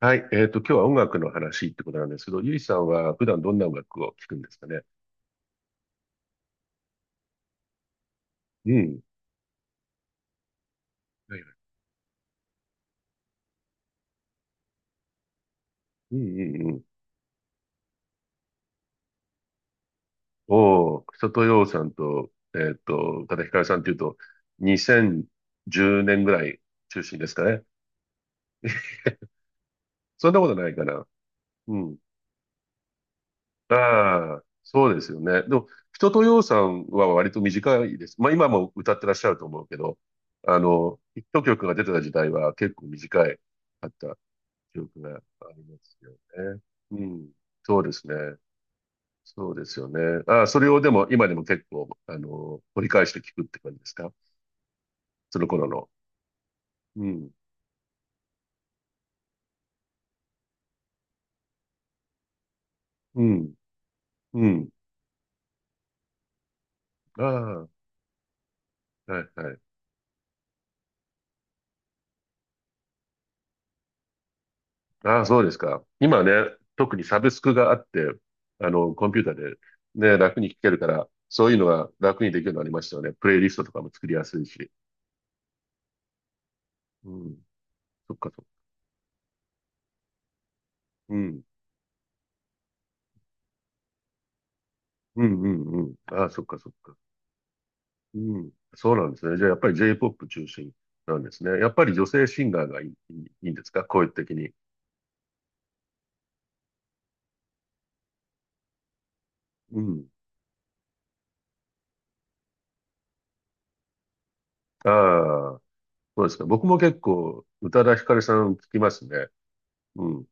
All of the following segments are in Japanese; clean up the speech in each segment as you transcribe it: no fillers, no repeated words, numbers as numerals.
はい。今日は音楽の話ってことなんですけど、ゆいさんは普段どんな音楽を聴くんですかね？うん。はいはい。うんうんうん。おー、とようさんと、宇多田ヒカルさんっていうと、2010年ぐらい中心ですかね？そんなことないかな。うん。ああ、そうですよね。でも、人とようさんは割と短いです。まあ今も歌ってらっしゃると思うけど、ヒット曲が出てた時代は結構短いかった記憶がありますよね。うん。そうですね。そうですよね。ああ、それをでも、今でも結構、掘り返して聞くって感じですか？その頃の。うん。うん。うん。ああ、はいはい。ああ、そうですか。今ね、特にサブスクがあって、コンピューターでね、楽に聞けるから、そういうのが楽にできるようになりましたよね。プレイリストとかも作りやすいし。うん。そっかそっか。うん。うんうんうん。ああ、そっかそっか。うん。そうなんですね。じゃあやっぱり J-POP 中心なんですね。やっぱり女性シンガーがいいんですか？声的に。うん。ああ、そうですか。僕も結構、宇多田ヒカルさん聞きますね。うん。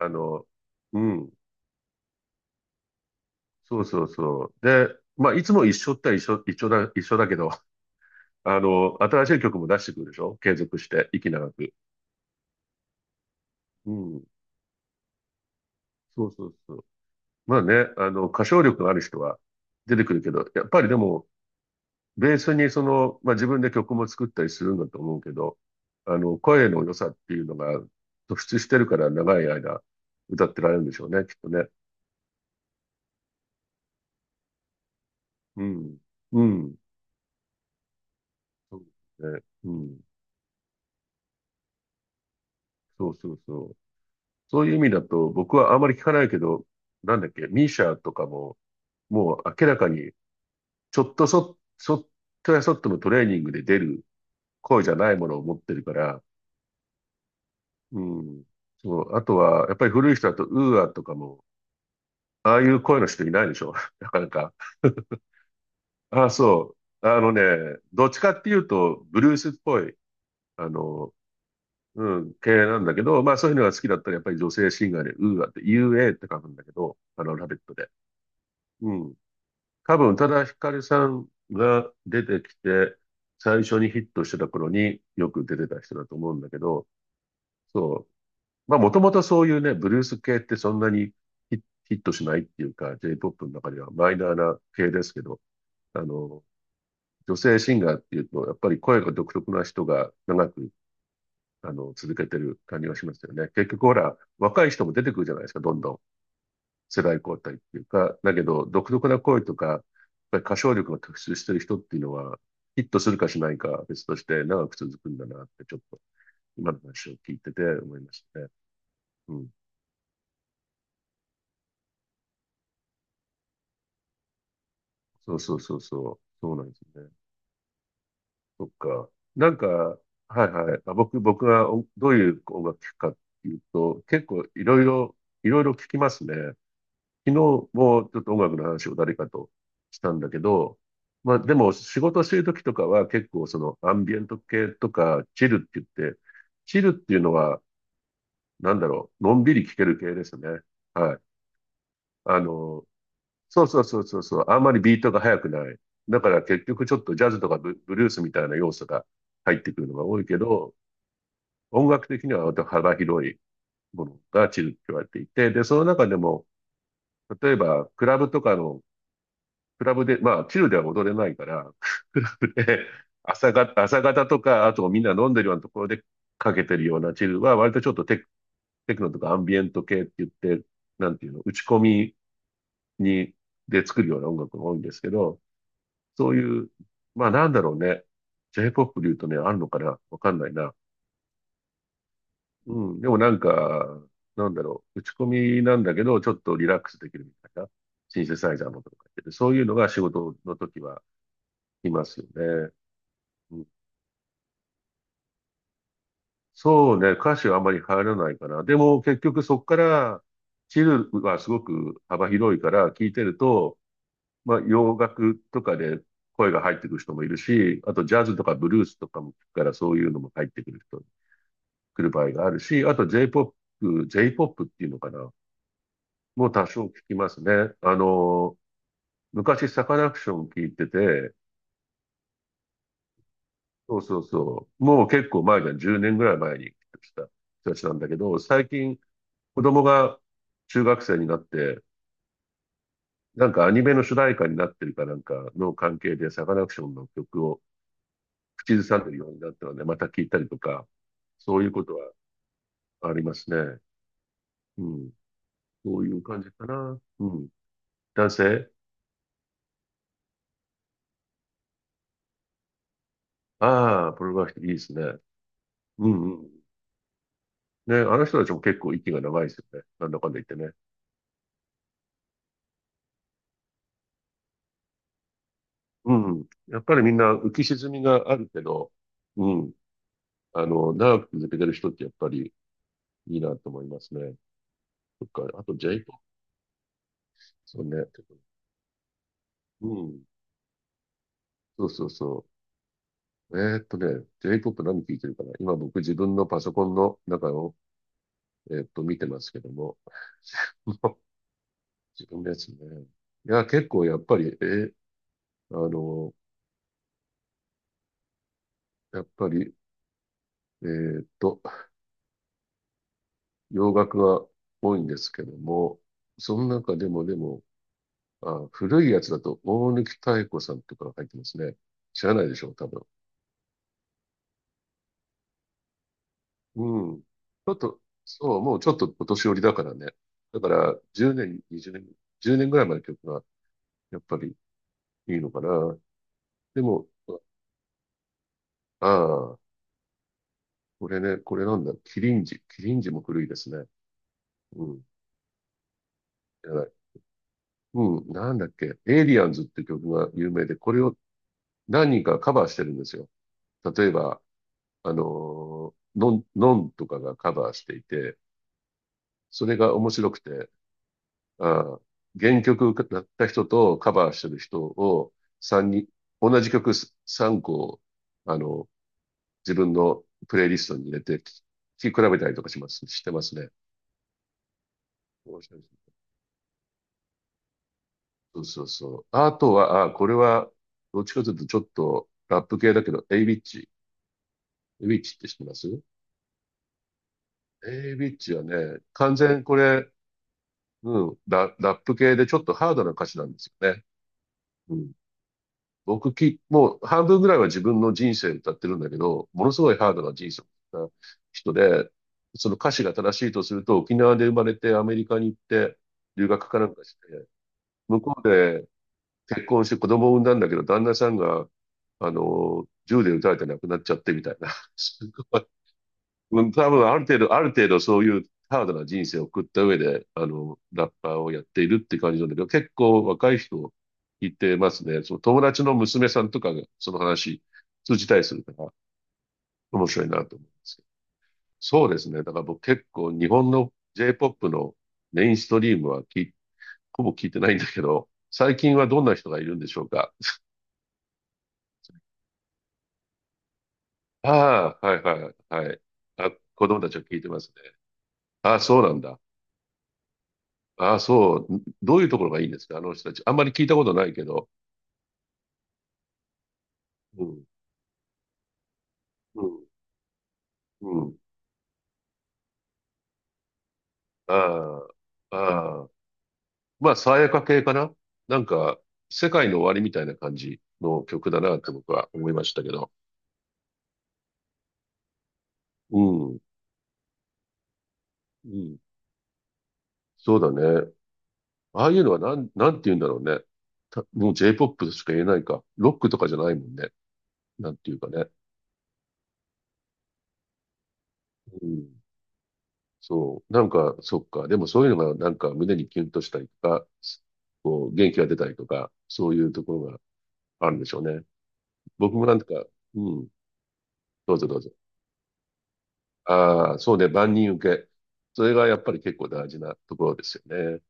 あの、うん。そうそうそう。で、まあ、いつも一緒って一緒、一緒だ、一緒だけど、新しい曲も出してくるでしょ？継続して、息長く。うん。そうそうそう。まあね、歌唱力のある人は出てくるけど、やっぱりでも、ベースにまあ、自分で曲も作ったりするんだと思うけど、声の良さっていうのが突出してるから長い間歌ってられるんでしょうね、きっとね。うん。うん。そうですね。うん。そうそうそう。そういう意味だと、僕はあまり聞かないけど、なんだっけ、ミーシャとかも、もう明らかに、ちょっとそっとやそっとのトレーニングで出る声じゃないものを持ってるから、うん。そう。あとは、やっぱり古い人だと、ウーアとかも、ああいう声の人いないでしょ？ なかなか。ああ、そう。あのね、どっちかっていうと、ブルースっぽい、あの、うん、系なんだけど、まあそういうのが好きだったらやっぱり女性シンガーで、ウーアって、UA って書くんだけど、ラベットで。うん。多分、宇多田ヒカルさんが出てきて、最初にヒットしてた頃によく出てた人だと思うんだけど、そう。まあもともとそういうね、ブルース系ってそんなにヒヒットしないっていうか、J-POP の中ではマイナーな系ですけど、あの、女性シンガーっていうと、やっぱり声が独特な人が長く、続けてる感じがしますよね。結局ほら、若い人も出てくるじゃないですか、どんどん。世代交代っていうか。だけど、独特な声とか、やっぱり歌唱力が特出してる人っていうのは、ヒットするかしないかは別として長く続くんだなって、ちょっと今の話を聞いてて思いましたね。うん。そうそうそうそう。そうなんですね。そっか。なんか、はいはい。あ、僕がおどういう音楽聴くかっていうと、結構いろいろ、いろいろ聴きますね。昨日もちょっと音楽の話を誰かとしたんだけど、まあでも仕事してる時とかは結構アンビエント系とかチルって言って、チルっていうのはなんだろう、のんびり聴ける系ですね。はい。あの、そうそうそうそうそう、あんまりビートが速くない。だから結局ちょっとジャズとかブブルースみたいな要素が入ってくるのが多いけど、音楽的には割と幅広いものがチルって言われていて、で、その中でも、例えば、クラブとかの、クラブで、まあ、チルでは踊れないから、クラブで朝方とか、あとみんな飲んでるようなところでかけてるようなチルは、割とちょっとテクノとかアンビエント系って言って、なんていうの、打ち込みに、で作るような音楽が多いんですけど、そういう、まあなんだろうね。J-POP で言うとね、あるのかなわかんないな。うん。でもなんか、なんだろう。打ち込みなんだけど、ちょっとリラックスできるみたいな。シンセサイザーのとか言ってて、そういうのが仕事の時はいますよね。うん、そうね。歌詞はあまり入らないかな。でも結局そこから、チルはすごく幅広いから聞いてると、まあ洋楽とかで声が入ってくる人もいるし、あとジャズとかブルースとかも聞くからそういうのも入ってくる来る場合があるし、あと J-POP、J-POP っていうのかな。もう多少聞きますね。昔サカナクション聞いてて、そうそうそう。もう結構前じゃん、10年ぐらい前に来た人たちなんだけど、最近子供が中学生になって、なんかアニメの主題歌になってるかなんかの関係でサカナクションの曲を口ずさんでるようになったので、また聞いたりとか、そういうことはありますね。うん。そういう感じかな。うん。男性、ああー、プロバクティブいいですね。うんうん。ね、あの人たちも結構息が長いですよね。なんだかんだ言ってね。うん。やっぱりみんな浮き沈みがあるけど、うん。長く続けてる人ってやっぱりいいなと思いますね。そっか。あと J-POP ですよね。うん。そうそうそう。J-POP 何聞いてるかな今僕自分のパソコンの中を、見てますけども。自分のやつね。いや、結構やっぱり、ーあの、やっぱり、えーっと、洋楽は多いんですけども、その中でも、あ、古いやつだと大貫妙子さんとかが入ってますね。知らないでしょう、多分。うん。ちょっと、そう、もうちょっとお年寄りだからね。だから10年、20年、10年ぐらいまでの曲がやっぱりいいのかな。でも、ああ、これね、これなんだ、キリンジ。キリンジも古いですね。うん。やばい。うん、なんだっけ、エイリアンズって曲が有名で、これを何人かカバーしてるんですよ。例えば、のんとかがカバーしていて、それが面白くて、ああ、原曲だった人とカバーしてる人を3人、同じ曲3個、あの、自分のプレイリストに入れて聴き比べたりとかしてますね。面白いですそうそうそう。あとは、あ、これは、どっちかというとちょっとラップ系だけど、エイビッチ。エイビッチって知ってます？エイビッチはね、完全これ、うん。ラップ系でちょっとハードな歌詞なんですよね。うん。もう半分ぐらいは自分の人生歌ってるんだけど、ものすごいハードな人生な人で、その歌詞が正しいとすると、沖縄で生まれてアメリカに行って留学かなんかして、向こうで結婚して子供を産んだんだけど、旦那さんが、銃で撃たれて亡くなっちゃってみたいな。すごうん多分ある程度、ある程度そういうハードな人生を送った上で、ラッパーをやっているって感じなんだけど、結構若い人いてますね。その友達の娘さんとかがその話通じたりするから面白いなと思うんですけど。そうですね。だから僕結構日本の J-POP のメインストリームはほぼ聞いてないんだけど、最近はどんな人がいるんでしょうか。ああ、はいはいはい。あ、子供たちは聞いてますね。ああ、そうなんだ。ああ、そう。どういうところがいいんですか？あの人たち。あんまり聞いたことないけど。うん、うん、うん。ああ、ああ。まあ、爽やか系かな、なんか、世界の終わりみたいな感じの曲だなって僕は思いましたけど。うん、うん。そうだね。ああいうのはなん、て言うんだろうね。たもう J-POP としか言えないか。ロックとかじゃないもんね。なんていうかね。うんそう。なんか、そっか。でもそういうのがなんか胸にキュンとしたりとか、こう、元気が出たりとか、そういうところがあるんでしょうね。僕もなんか、うん、どうぞどうぞ。ああ、そうね、万人受け。それがやっぱり結構大事なところですよね。